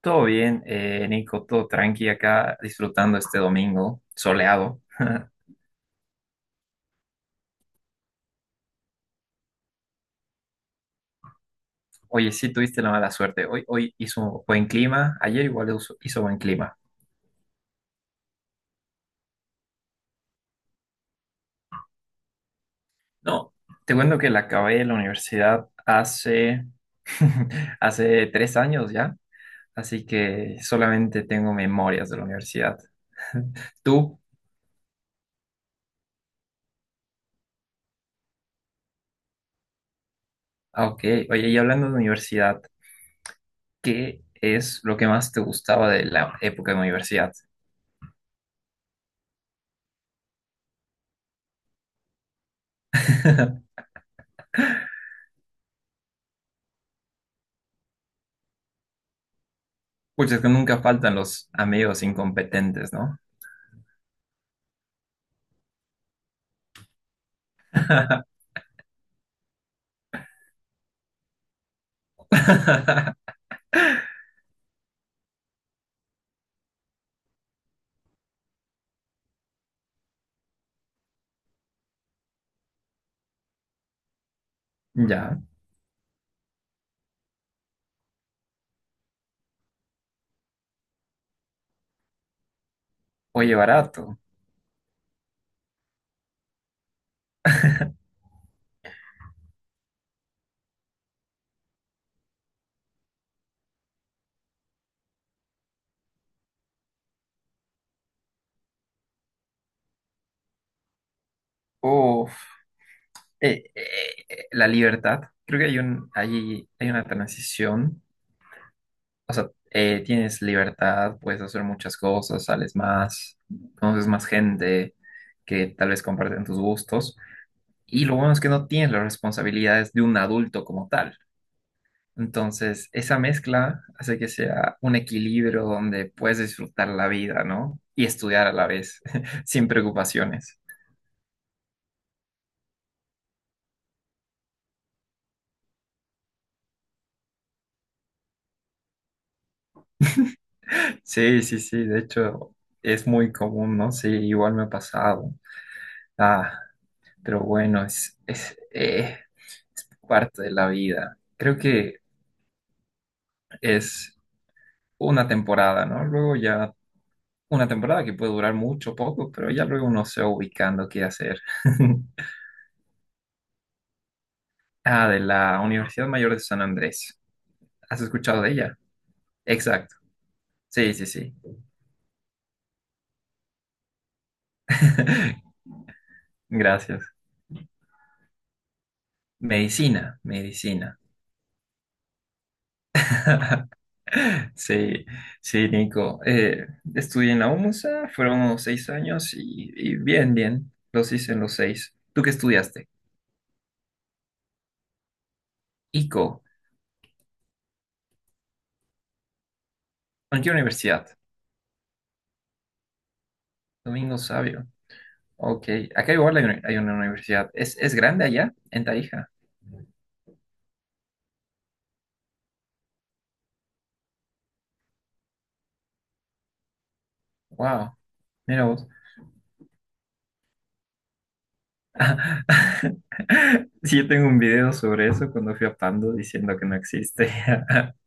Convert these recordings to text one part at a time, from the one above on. Todo bien, Nico, todo tranqui acá, disfrutando este domingo soleado. Oye, sí tuviste la mala suerte. Hoy hizo buen clima, ayer igual hizo buen clima. No, te cuento que la acabé la universidad hace, hace tres años ya, así que solamente tengo memorias de la universidad. Tú, ah, ok. Oye, y hablando de universidad, ¿qué es lo que más te gustaba de la época de universidad? Pucha, es que nunca faltan los amigos incompetentes, ¿no? Ya. Oye, barato. Uf. La libertad. Creo que hay una transición. O sea, tienes libertad, puedes hacer muchas cosas, sales más, conoces más gente que tal vez comparten tus gustos. Y lo bueno es que no tienes las responsabilidades de un adulto como tal. Entonces, esa mezcla hace que sea un equilibrio donde puedes disfrutar la vida, ¿no? Y estudiar a la vez, sin preocupaciones. Sí, sí, sí, de hecho es muy común, ¿no? Sí, igual me ha pasado. Ah, pero bueno, es parte de la vida. Creo que es una temporada, ¿no? Luego ya, una temporada que puede durar mucho, poco, pero ya luego uno se va ubicando qué hacer. Ah, de la Universidad Mayor de San Andrés. ¿Has escuchado de ella? Exacto. Sí, sí, sí. Gracias. Medicina, medicina. Sí, sí, Nico. Estudié en la UMSA, fueron seis años y, y bien, los hice en los seis. ¿Tú qué estudiaste? ICO. ¿En qué universidad? Domingo Sabio. Ok, acá igual hay una universidad. ¿Es grande allá? En Tarija. Wow, mira vos. Sí, yo tengo un video sobre eso cuando fui a Pando diciendo que no existe.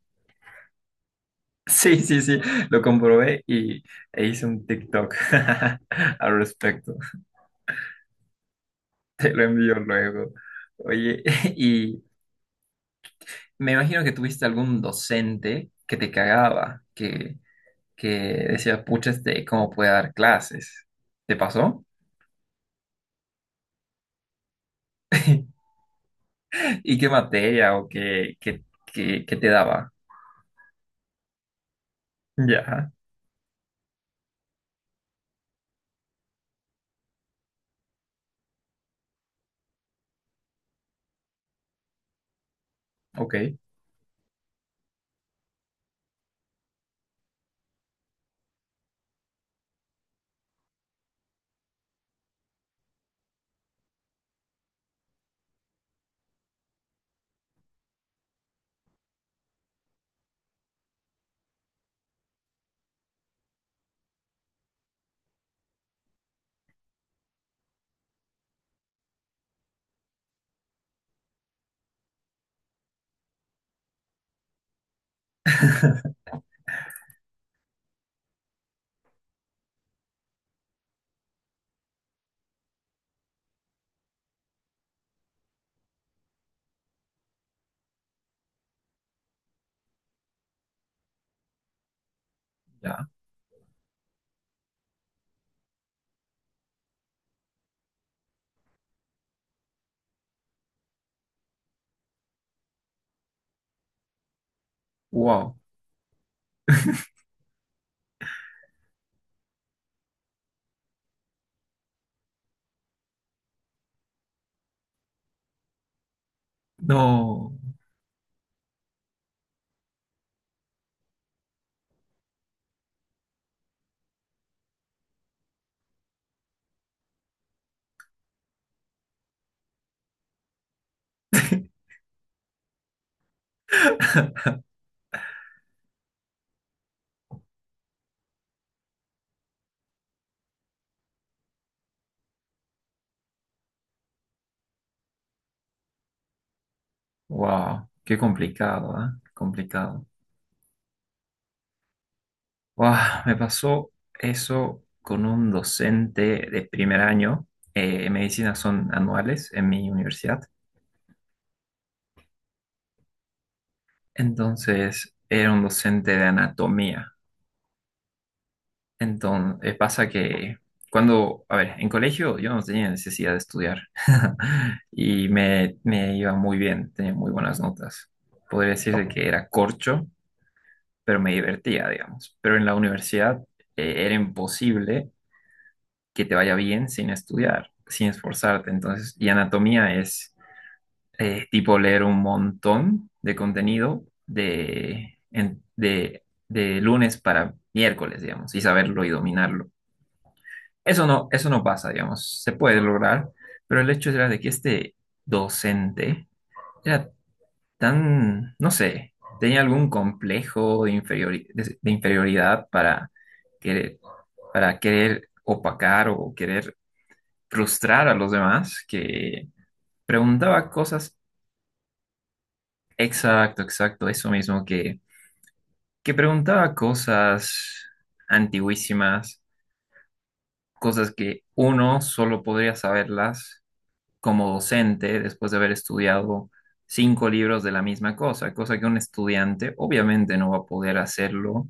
Sí, sí, sí, lo comprobé y e hice un TikTok al respecto. Te lo envío luego. Oye, y me imagino que tuviste algún docente que te cagaba, que decía, pucha, este, ¿cómo puede dar clases? ¿Te pasó? ¿Y qué materia o qué, qué, qué, qué te daba? Ya, ok. Ya, wow. No. Wow, qué complicado, ¿ah? Complicado. Buah, me pasó eso con un docente de primer año. Medicinas son anuales en mi universidad. Entonces, era un docente de anatomía. Entonces, pasa que cuando, a ver, en colegio yo no tenía necesidad de estudiar y me iba muy bien, tenía muy buenas notas. Podría decirse que era corcho, pero me divertía, digamos. Pero en la universidad era imposible que te vaya bien sin estudiar, sin esforzarte. Entonces, y anatomía es tipo leer un montón de contenido de de lunes para miércoles, digamos, y saberlo y dominarlo. Eso no pasa, digamos, se puede lograr, pero el hecho era de que este docente era tan, no sé, tenía algún complejo de inferioridad para querer, para querer opacar o querer frustrar a los demás, que preguntaba cosas, exacto, exacto, eso mismo, que preguntaba cosas antiguísimas, cosas que uno solo podría saberlas como docente después de haber estudiado cinco libros de la misma cosa, cosa que un estudiante obviamente no va a poder hacerlo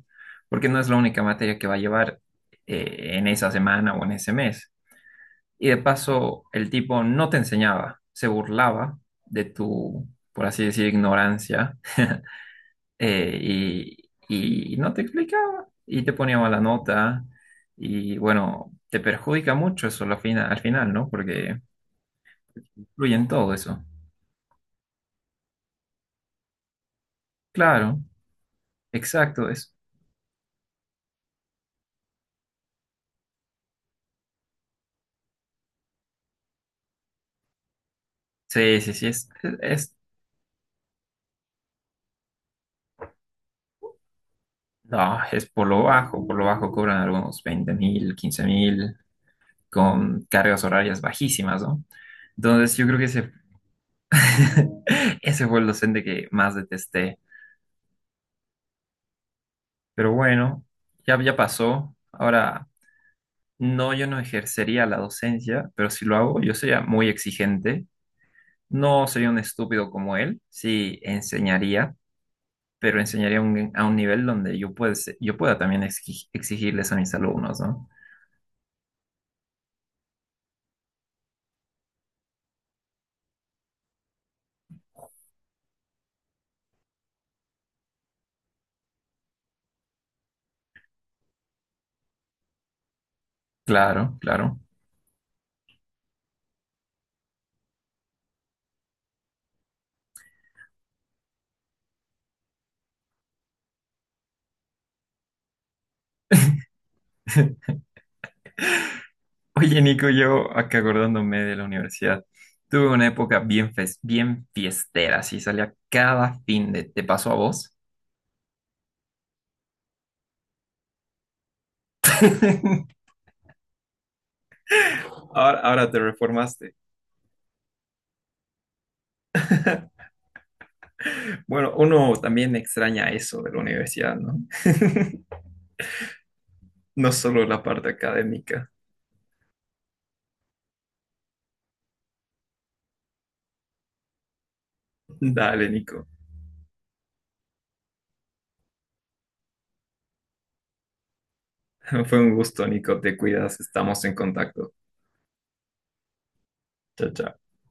porque no es la única materia que va a llevar en esa semana o en ese mes. Y de paso, el tipo no te enseñaba, se burlaba de tu, por así decir, ignorancia, eh, y, y no te explicaba, y te ponía mala nota, y bueno, te perjudica mucho eso al final, ¿no? Porque influye todo eso. Claro, exacto, eso. Sí, sí, sí, no, es por lo bajo cobran algunos 20 mil, 15 mil, con cargas horarias bajísimas, ¿no? Entonces, yo creo que se ese fue el docente que más detesté. Pero bueno, ya, ya pasó. Ahora, no, yo no ejercería la docencia, pero si lo hago, yo sería muy exigente. No sería un estúpido como él, sí enseñaría, pero enseñaría a un nivel donde yo pueda también exigirles a mis alumnos, ¿no? Claro, claro. Oye, Nico, yo acá acordándome de la universidad. Tuve una época bien fiestera, sí, salía cada fin de... ¿Te pasó a vos? Ahora, ahora te reformaste. Bueno, uno también extraña eso de la universidad, ¿no? No solo la parte académica. Dale, Nico. Fue un gusto, Nico. Te cuidas. Estamos en contacto. Chao, chao.